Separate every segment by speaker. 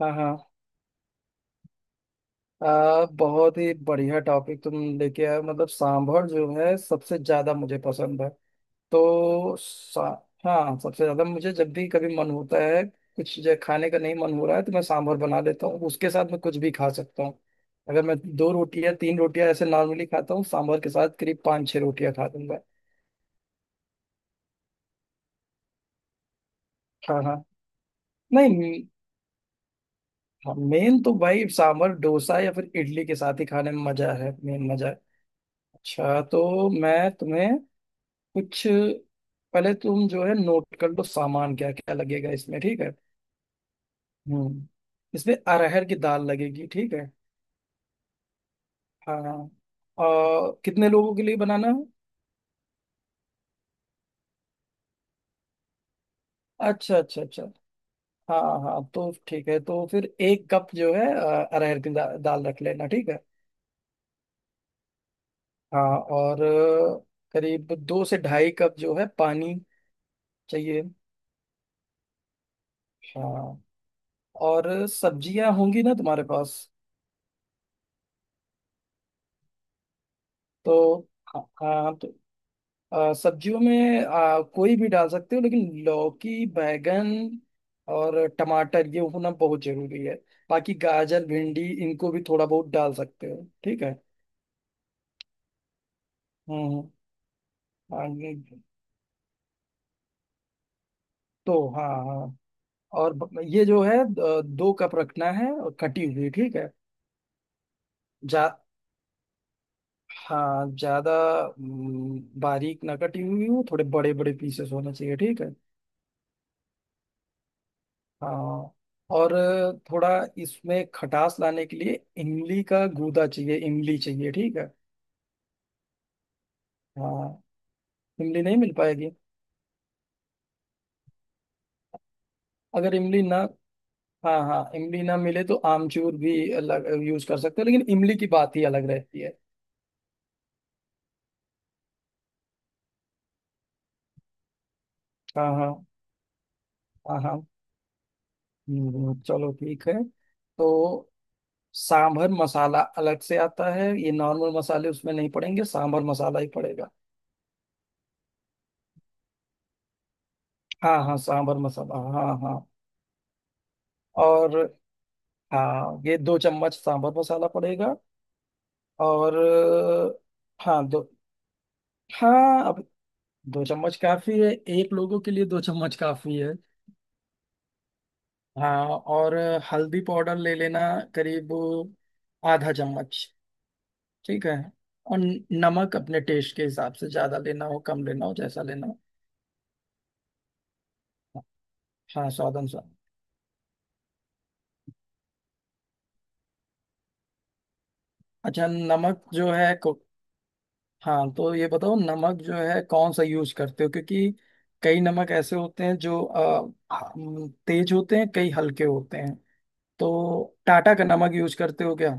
Speaker 1: हाँ हाँ, बहुत ही बढ़िया टॉपिक तुम लेके आए हो। मतलब, सांभर जो है सबसे ज्यादा मुझे पसंद है। तो हाँ, सबसे ज्यादा मुझे जब भी कभी मन होता है, कुछ जो खाने का नहीं मन हो रहा है, तो मैं सांभर बना लेता हूँ। उसके साथ मैं कुछ भी खा सकता हूँ। अगर मैं दो रोटियां तीन रोटियां ऐसे नॉर्मली खाता हूँ, सांभर के साथ करीब पाँच छह रोटियां खा दूंगा। हाँ हाँ। नहीं। हाँ, मेन तो भाई सांभर डोसा या फिर इडली के साथ ही खाने में मजा है, मेन मजा है। अच्छा, तो मैं तुम्हें कुछ, पहले तुम जो है नोट कर लो, सामान क्या क्या लगेगा इसमें। ठीक है? हम्म। इसमें अरहर की दाल लगेगी। ठीक है? हाँ, और कितने लोगों के लिए बनाना है? अच्छा अच्छा अच्छा। हाँ हाँ, तो ठीक है, तो फिर एक कप जो है अरहर की दाल रख लेना। ठीक है? हाँ, और करीब 2 से 2.5 कप जो है पानी चाहिए। हाँ, और सब्जियां होंगी ना तुम्हारे पास? तो हाँ हाँ, तो सब्जियों में कोई भी डाल सकते हो, लेकिन लौकी, बैगन और टमाटर ये होना बहुत जरूरी है। बाकी गाजर, भिंडी इनको भी थोड़ा बहुत डाल सकते हो। ठीक है? हम्म। हाँ, तो हाँ हाँ, और ये जो है दो कप रखना है, और कटी हुई। ठीक है? जा हाँ, ज्यादा, बारीक ना कटी हुई हो, थोड़े बड़े बड़े पीसेस होने चाहिए। ठीक है? हाँ, और थोड़ा इसमें खटास लाने के लिए इमली का गूदा चाहिए, इमली चाहिए। ठीक है? हाँ। इमली नहीं मिल पाएगी? अगर इमली ना, हाँ हाँ, इमली ना मिले तो आमचूर भी अलग यूज कर सकते हो, लेकिन इमली की बात ही अलग रहती है। हाँ हाँ। हाँ हाँ। चलो ठीक है। तो सांभर मसाला अलग से आता है, ये नॉर्मल मसाले उसमें नहीं पड़ेंगे, सांभर मसाला ही पड़ेगा। हाँ हाँ, सांभर मसाला, हाँ हाँ। और हाँ, ये दो चम्मच सांभर मसाला पड़ेगा। और हाँ, दो। हाँ, अब दो चम्मच काफी है। एक लोगों के लिए दो चम्मच काफी है। हाँ, और हल्दी पाउडर ले लेना, करीब आधा चम्मच। ठीक है? और नमक अपने टेस्ट के हिसाब से, ज्यादा लेना हो, कम लेना हो, जैसा लेना हो। हाँ, स्वाद अनुसार। अच्छा, नमक जो है, हाँ, तो ये बताओ नमक जो है कौन सा यूज करते हो? क्योंकि कई नमक ऐसे होते हैं जो तेज होते हैं, कई हल्के होते हैं। तो टाटा का नमक यूज करते हो क्या?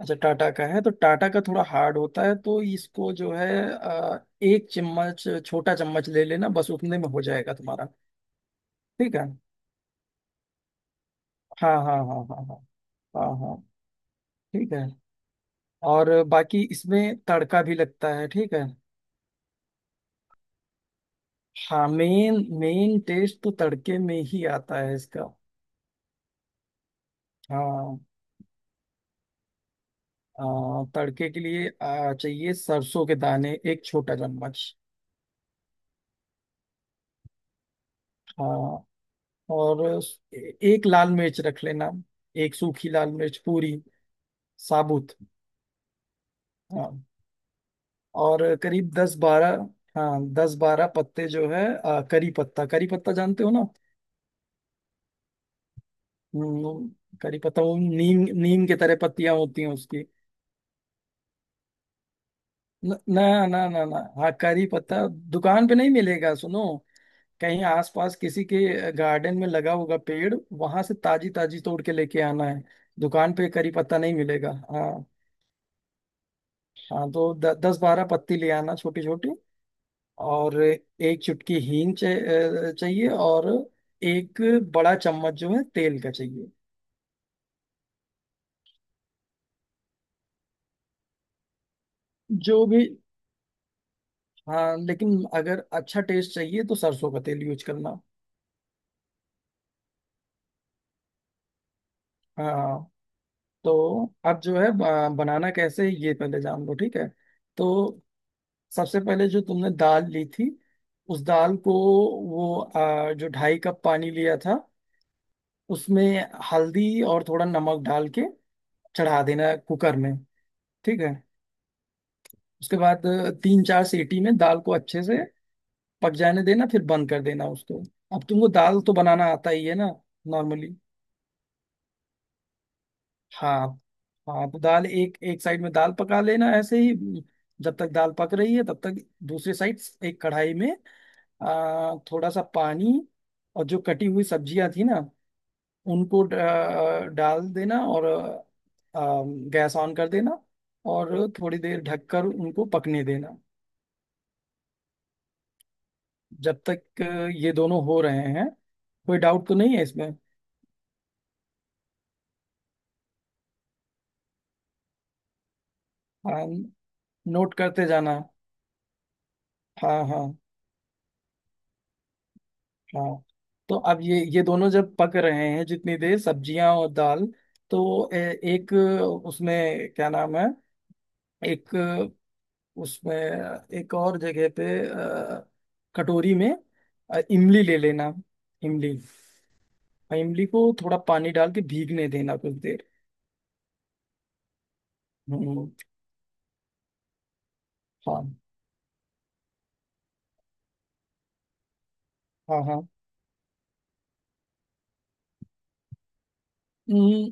Speaker 1: अच्छा, टाटा का है, तो टाटा का थोड़ा हार्ड होता है, तो इसको जो है एक चम्मच, छोटा चम्मच ले लेना, बस उतने में हो जाएगा तुम्हारा। ठीक है? हाँ हाँ हाँ हाँ हाँ। हाँ हाँ। ठीक है। और बाकी इसमें तड़का भी लगता है। ठीक है? हाँ, मेन मेन टेस्ट तो तड़के में ही आता है इसका। हाँ, तड़के के लिए चाहिए सरसों के दाने एक छोटा चम्मच। हाँ, और एक लाल मिर्च रख लेना, एक सूखी लाल मिर्च पूरी साबुत। हाँ, और करीब 10-12, हाँ 10-12 पत्ते जो है करी पत्ता, करी पत्ता जानते हो ना? हम्म, करी पत्ता, वो नीम, नीम के तरह पत्तियां होती हैं उसकी। ना ना ना ना, हाँ करी पत्ता दुकान पे नहीं मिलेगा, सुनो, कहीं आसपास किसी के गार्डन में लगा होगा पेड़, वहां से ताजी ताजी तोड़ के लेके आना है। दुकान पे करी पत्ता नहीं मिलेगा। हाँ, हाँ तो 10-12 पत्ती ले आना, छोटी छोटी। और एक चुटकी हींग चाहिए, और एक बड़ा चम्मच जो है तेल का चाहिए। जो भी, हाँ, लेकिन अगर अच्छा टेस्ट चाहिए तो सरसों का तेल यूज करना। हाँ, तो अब जो है बनाना कैसे है, ये पहले जान लो। ठीक है? तो सबसे पहले जो तुमने दाल ली थी, उस दाल को, वो जो 2.5 कप पानी लिया था, उसमें हल्दी और थोड़ा नमक डाल के चढ़ा देना है कुकर में। ठीक है? उसके बाद तीन चार सीटी में दाल को अच्छे से पक जाने देना, फिर बंद कर देना उसको। अब तुमको दाल तो बनाना आता ही है ना, नॉर्मली? हाँ हाँ, तो दाल एक, एक साइड में दाल पका लेना ऐसे ही। जब तक दाल पक रही है, तब तक दूसरी साइड एक कढ़ाई में थोड़ा सा पानी और जो कटी हुई सब्जियां थी ना, उनको डाल देना, और गैस ऑन कर देना, और थोड़ी देर ढककर उनको पकने देना। जब तक ये दोनों हो रहे हैं, कोई डाउट तो नहीं है इसमें? हाँ, नोट करते जाना। हाँ हाँ हाँ। तो अब ये दोनों जब पक रहे हैं, जितनी देर सब्जियां और दाल, तो एक, उसमें क्या नाम है, एक उसमें, एक और जगह पे कटोरी में इमली ले लेना, इमली, और इमली को थोड़ा पानी डाल के भीगने देना कुछ देर। हम्म। हाँ हाँ हाँ, हम्म।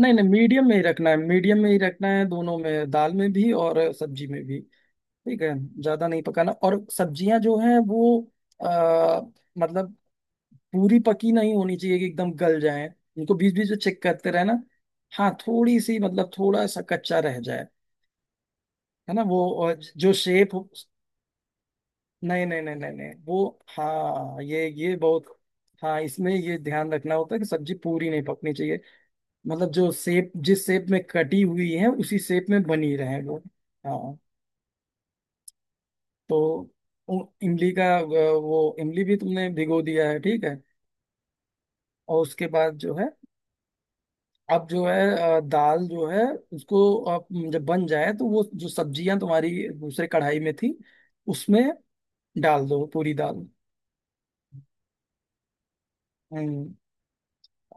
Speaker 1: नहीं नहीं, मीडियम में ही रखना है, मीडियम में ही रखना है, दोनों में, दाल में भी और सब्जी में भी। ठीक है? ज्यादा नहीं पकाना, और सब्जियां जो हैं वो आ, मतलब पूरी पकी नहीं होनी चाहिए कि एकदम गल जाए, उनको बीच बीच में चेक करते रहना। हाँ, थोड़ी सी, मतलब थोड़ा सा कच्चा रह जाए, है ना वो, और जो शेप हो। नहीं नहीं नहीं नहीं नहीं, वो, हाँ, ये बहुत, हाँ इसमें ये ध्यान रखना होता है कि सब्जी पूरी नहीं पकनी चाहिए, मतलब जो शेप, जिस शेप में कटी हुई है उसी शेप में बनी रहे वो। हाँ, तो इमली का वो, इमली भी तुमने भिगो दिया है। ठीक है? और उसके बाद जो है, अब जो है दाल जो है उसको, आप जब बन जाए तो वो जो सब्जियां तुम्हारी दूसरे कढ़ाई में थी, उसमें डाल दो पूरी दाल। हम्म।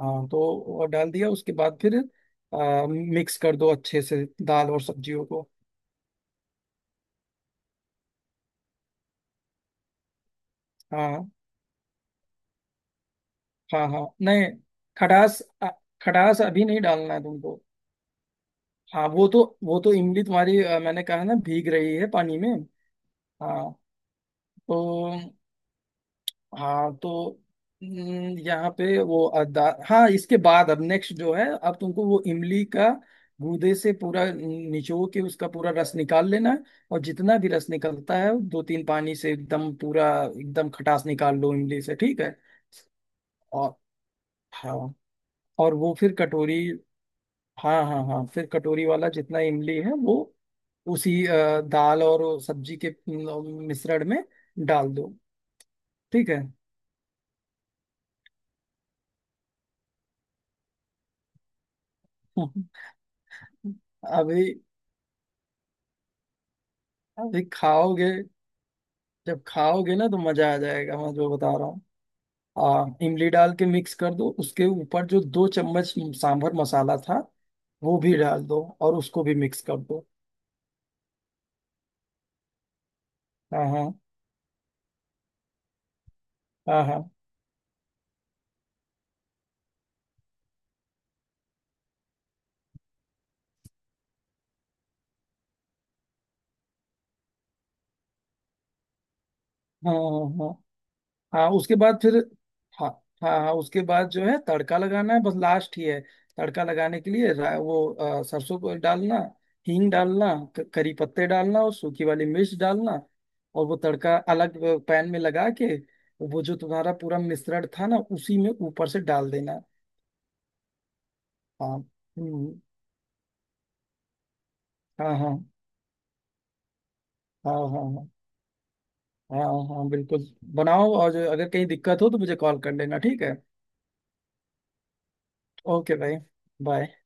Speaker 1: हाँ, तो वो डाल दिया, उसके बाद फिर मिक्स कर दो अच्छे से दाल और सब्जियों को। हाँ हाँ हाँ, नहीं, खटास अ, खटास अभी नहीं डालना है तुमको। हाँ, वो तो इमली तुम्हारी, मैंने कहा ना, भीग रही है पानी में। हाँ तो, हाँ तो, यहाँ पे वो अदा, हाँ इसके बाद, अब नेक्स्ट जो है, अब तुमको वो इमली का गूदे से पूरा निचो के उसका पूरा रस निकाल लेना है, और जितना भी रस निकलता है, दो तीन पानी से एकदम पूरा, एकदम खटास निकाल लो इमली से। ठीक है? और हाँ, और वो फिर कटोरी, हाँ हाँ हाँ, फिर कटोरी वाला जितना इमली है वो उसी दाल और सब्जी के मिश्रण में डाल दो। ठीक है? अभी अभी खाओगे, जब खाओगे ना तो मजा आ जाएगा मैं जो बता रहा हूँ। हाँ, इमली डाल के मिक्स कर दो, उसके ऊपर जो दो चम्मच सांभर मसाला था वो भी डाल दो और उसको भी मिक्स कर दो। हाँ हाँ हाँ हाँ हाँ हाँ हाँ, हाँ, उसके बाद फिर, हाँ हाँ हाँ, उसके बाद जो है तड़का लगाना है, बस लास्ट ही है। तड़का लगाने के लिए वो, सरसों को डालना, हींग डालना, करी पत्ते डालना और सूखी वाली मिर्च डालना, और वो तड़का अलग पैन में लगा के, वो जो तुम्हारा पूरा मिश्रण था ना, उसी में ऊपर से डाल देना। हाँ, हाँ हाँ हाँ हाँ हाँ हाँ हाँ बिल्कुल। बनाओ, और अगर कहीं दिक्कत हो तो मुझे कॉल कर लेना। ठीक है? ओके भाई, बाय।